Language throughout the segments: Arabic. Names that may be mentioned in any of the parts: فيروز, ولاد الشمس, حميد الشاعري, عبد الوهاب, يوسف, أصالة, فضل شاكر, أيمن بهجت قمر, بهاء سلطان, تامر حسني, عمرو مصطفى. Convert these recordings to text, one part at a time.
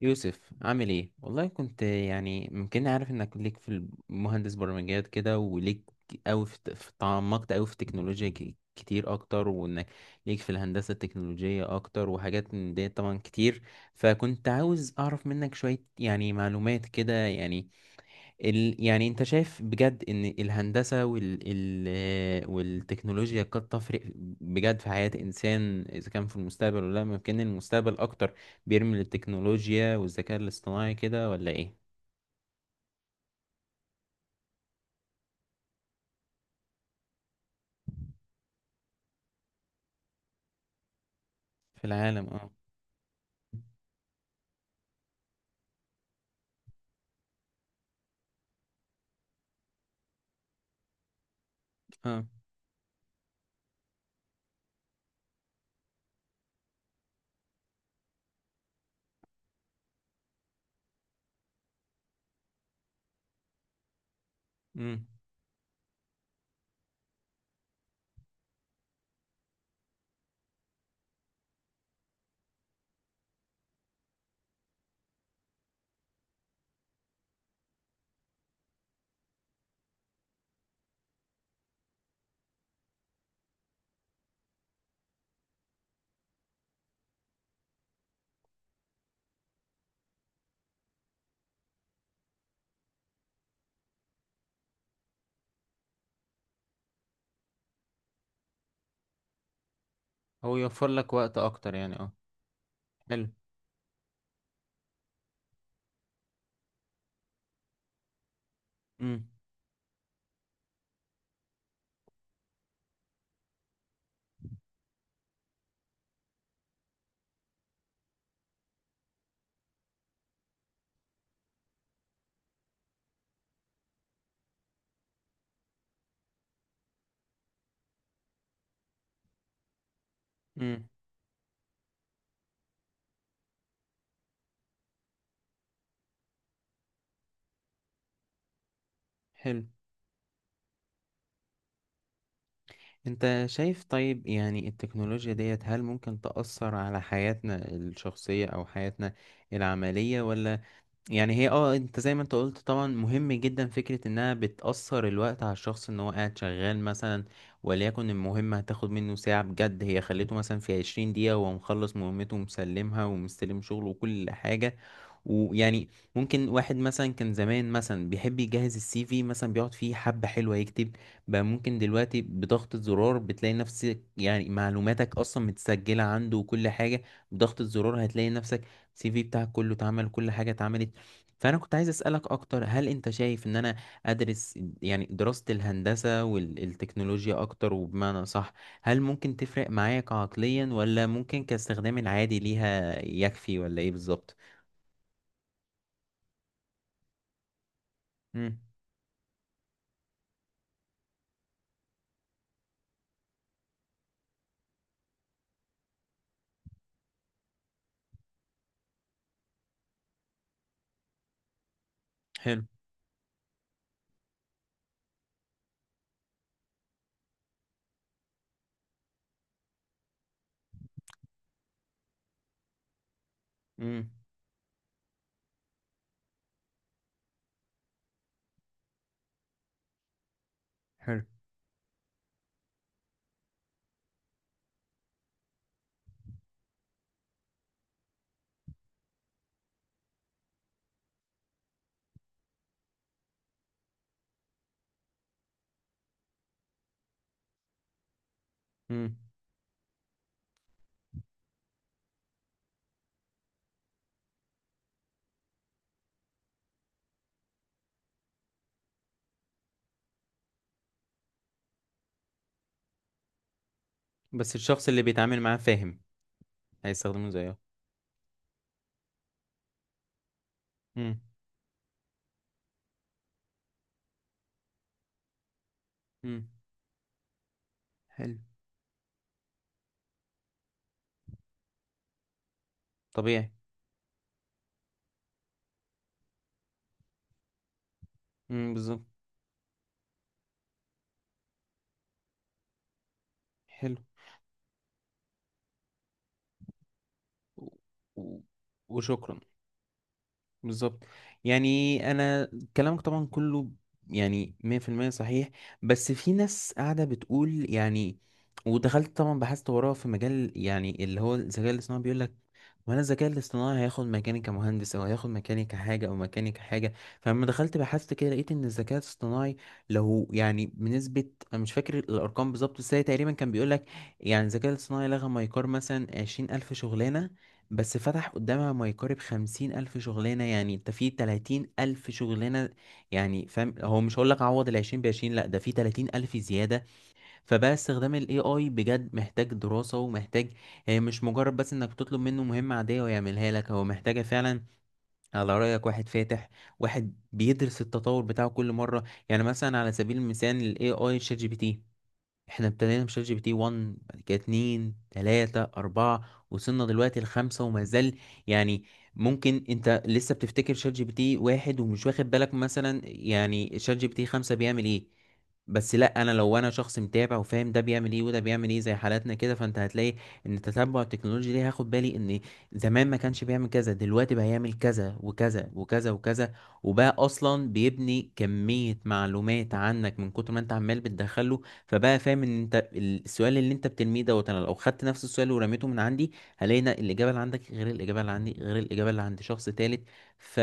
يوسف، عامل ايه؟ والله كنت يعني ممكن، عارف انك ليك في المهندس برمجيات كده، وليك قوي تعمقت قوي في التكنولوجيا كتير اكتر، وانك ليك في الهندسة التكنولوجية اكتر، وحاجات من دي طبعا كتير. فكنت عاوز اعرف منك شوية يعني معلومات كده. يعني يعني انت شايف بجد ان الهندسة والتكنولوجيا قد تفرق بجد في حياة انسان، اذا كان في المستقبل ولا لا؟ ممكن المستقبل اكتر بيرمي للتكنولوجيا والذكاء الاصطناعي كده، ولا ايه؟ في العالم. اه. اه. امم. هو يوفر لك وقت اكتر يعني، اه. حلو. امم. امم. حلو. انت شايف طيب، يعني التكنولوجيا ديت هل ممكن تأثر على حياتنا الشخصية او حياتنا العملية ولا؟ يعني هي، اه، انت زي ما انت قلت طبعا، مهم جدا فكرة انها بتأثر الوقت على الشخص، ان هو قاعد شغال مثلا، وليكن المهمة هتاخد منه ساعة بجد، هي خليته مثلا في 20 دقيقة وهو مخلص مهمته ومسلمها ومستلم شغله وكل حاجة. ويعني ممكن واحد مثلا كان زمان مثلا بيحب يجهز السي في، مثلا بيقعد فيه حبة حلوة يكتب، بقى ممكن دلوقتي بضغطة زرار بتلاقي نفسك، يعني معلوماتك أصلا متسجلة عنده وكل حاجة، بضغطة زرار هتلاقي نفسك السي في بتاعك كله اتعمل، كل حاجة اتعملت. فأنا كنت عايز أسألك أكتر، هل أنت شايف إن أنا أدرس يعني دراسة الهندسة والتكنولوجيا أكتر وبمعنى صح هل ممكن تفرق معايا كعقليا، ولا ممكن كاستخدام العادي ليها يكفي، ولا إيه بالظبط؟ مم. حلو. مم. حلو. مم. بس الشخص اللي بيتعامل معاه فاهم هيستخدمه زيه. مم. مم. حلو. طبيعي. مم. بالظبط. حلو. و... و... وشكرا. بالظبط. يعني انا كلامك طبعا كله يعني 100% صحيح. بس في ناس قاعده بتقول يعني، ودخلت طبعا بحثت وراه في مجال، يعني اللي هو الذكاء الاصطناعي بيقول لك، وانا الذكاء الاصطناعي هياخد مكاني كمهندس، او هياخد مكاني كحاجه، او مكاني كحاجه. فلما دخلت بحثت كده لقيت ان الذكاء الاصطناعي لو يعني بنسبه، انا مش فاكر الارقام بالظبط بس هي تقريبا، كان بيقول لك يعني الذكاء الاصطناعي لغى ما يقارب مثلا 20,000 شغلانه، بس فتح قدامها ما يقارب 50,000 شغلانة. يعني انت في 30,000 شغلانة، يعني فاهم، هو مش هقولك عوض العشرين بعشرين، لأ، ده في 30,000 زيادة. فبقى استخدام ال AI بجد محتاج دراسة ومحتاج، هي مش مجرد بس انك تطلب منه مهمة عادية ويعملها لك، هو محتاجة فعلا، على رأيك، واحد فاتح واحد بيدرس التطور بتاعه كل مرة. يعني مثلا على سبيل المثال ال AI شات جي بي تي، احنا ابتدينا مش جي بي تي 1، بعد كده 2، 3، 4، وصلنا دلوقتي لخمسة وما زال. يعني ممكن انت لسه بتفتكر شات جي بي تي واحد، ومش واخد بالك مثلا يعني شات جي بي تي خمسة بيعمل ايه. بس لا، انا لو انا شخص متابع وفاهم ده بيعمل ايه وده بيعمل ايه، زي حالاتنا كده، فانت هتلاقي ان تتبع التكنولوجيا دي هاخد بالي ان زمان ما كانش بيعمل كذا، دلوقتي بقى يعمل كذا وكذا وكذا وكذا، وبقى اصلا بيبني كمية معلومات عنك من كتر ما انت عمال بتدخله. فبقى فاهم ان انت السؤال اللي انت بترميه دوت، انا لو خدت نفس السؤال ورميته من عندي، هلاقي إن الاجابه اللي عندك غير الاجابه اللي عندي غير الاجابه اللي عند شخص تالت. ف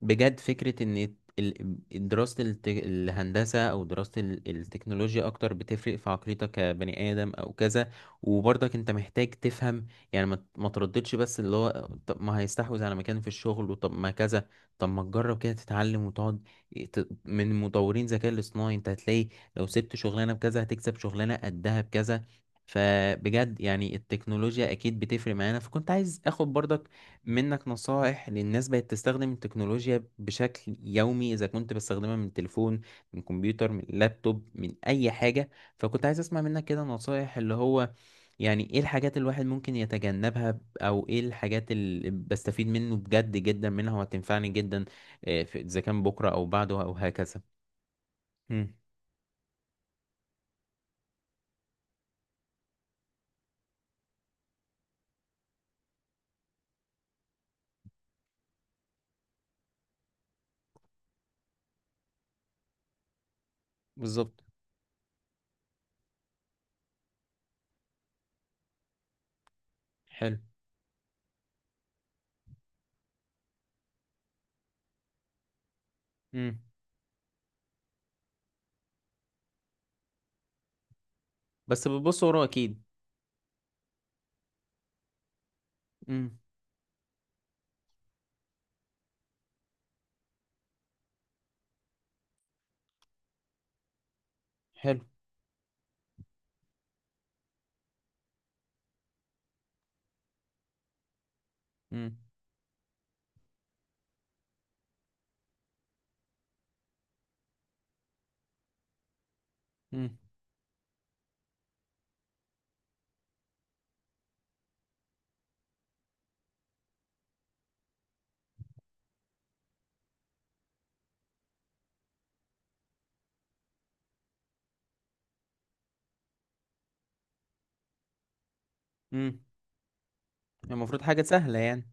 بجد فكرة ان دراسة الهندسة، او دراسة التكنولوجيا اكتر، بتفرق في عقليتك كبني ادم او كذا. وبرضك انت محتاج تفهم، يعني ما ترددش، بس اللي هو طب ما هيستحوذ على مكان في الشغل، وطب ما كذا، طب ما تجرب كده تتعلم وتقعد من مطورين ذكاء الاصطناعي. انت هتلاقي لو سبت شغلانة بكذا هتكسب شغلانة قدها بكذا. فبجد يعني التكنولوجيا اكيد بتفرق معانا. فكنت عايز اخد برضك منك نصائح، للناس بقت تستخدم التكنولوجيا بشكل يومي، إذا كنت بستخدمها من التليفون، من الكمبيوتر، من اللابتوب، من أي حاجة. فكنت عايز أسمع منك كده نصائح، اللي هو يعني إيه الحاجات الواحد ممكن يتجنبها، أو إيه الحاجات اللي بستفيد منه بجد جدا منها وهتنفعني جدا. إذا كان بكرة أو بعده أو هكذا. مم. بالظبط. حلو. مم. بس بتبص وراه أكيد. مم. حلو. مم. مم. مم. المفروض حاجة سهلة يعني.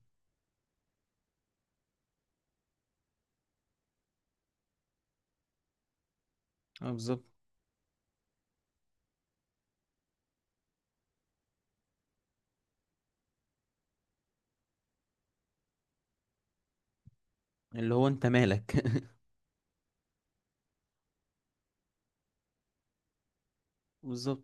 اه، بالظبط. اللي هو انت مالك. بالظبط.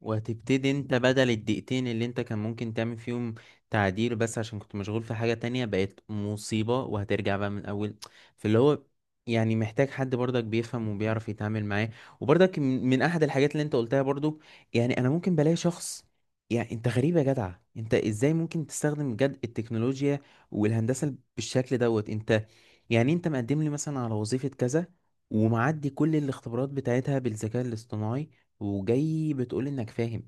وهتبتدي انت بدل الدقيقتين اللي انت كان ممكن تعمل فيهم تعديل، بس عشان كنت مشغول في حاجة تانية بقت مصيبة، وهترجع بقى من اول. فاللي هو، يعني محتاج حد برضك بيفهم وبيعرف يتعامل معاه. وبرضك من احد الحاجات اللي انت قلتها برضو، يعني انا ممكن بلاقي شخص، يعني انت غريب يا جدع، انت ازاي ممكن تستخدم بجد التكنولوجيا والهندسة بالشكل دوت؟ انت يعني انت مقدم لي مثلا على وظيفة كذا، ومعدي كل الاختبارات بتاعتها بالذكاء الاصطناعي، وجاي بتقول انك فاهم.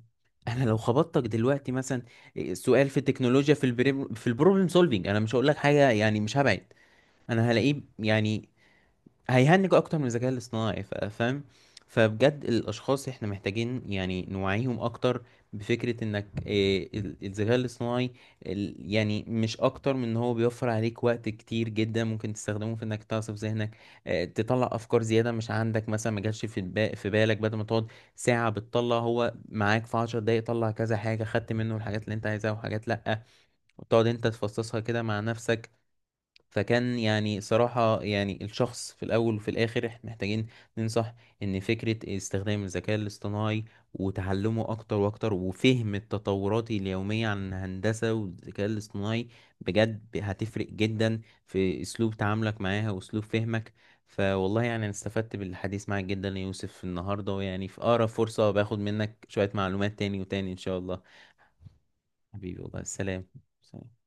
انا لو خبطتك دلوقتي مثلا سؤال في التكنولوجيا، في البريم، في البروبلم سولفينج، انا مش هقول لك حاجه يعني، مش هبعد، انا هلاقيه يعني هيهنجوا اكتر من الذكاء الاصطناعي. فاهم. فبجد الاشخاص احنا محتاجين يعني نوعيهم اكتر بفكرة انك، الذكاء الاصطناعي يعني مش اكتر من ان هو بيوفر عليك وقت كتير جدا، ممكن تستخدمه في انك تعصف ذهنك، تطلع افكار زيادة مش عندك، مثلا ما جالش في بالك. بدل ما تقعد ساعة بتطلع، هو معاك في 10 دقايق طلع كذا حاجة، خدت منه الحاجات اللي انت عايزها وحاجات لأ، وتقعد انت تفصصها كده مع نفسك. فكان يعني صراحة يعني الشخص في الأول وفي الآخر، إحنا محتاجين ننصح إن فكرة استخدام الذكاء الاصطناعي وتعلمه أكتر وأكتر، وفهم التطورات اليومية عن الهندسة والذكاء الاصطناعي، بجد هتفرق جدا في أسلوب تعاملك معاها وأسلوب فهمك. فوالله يعني أنا استفدت بالحديث معك جدا يا يوسف النهاردة، ويعني في أقرب فرصة باخد منك شوية معلومات تاني وتاني إن شاء الله. حبيبي والله، سلام. سلام.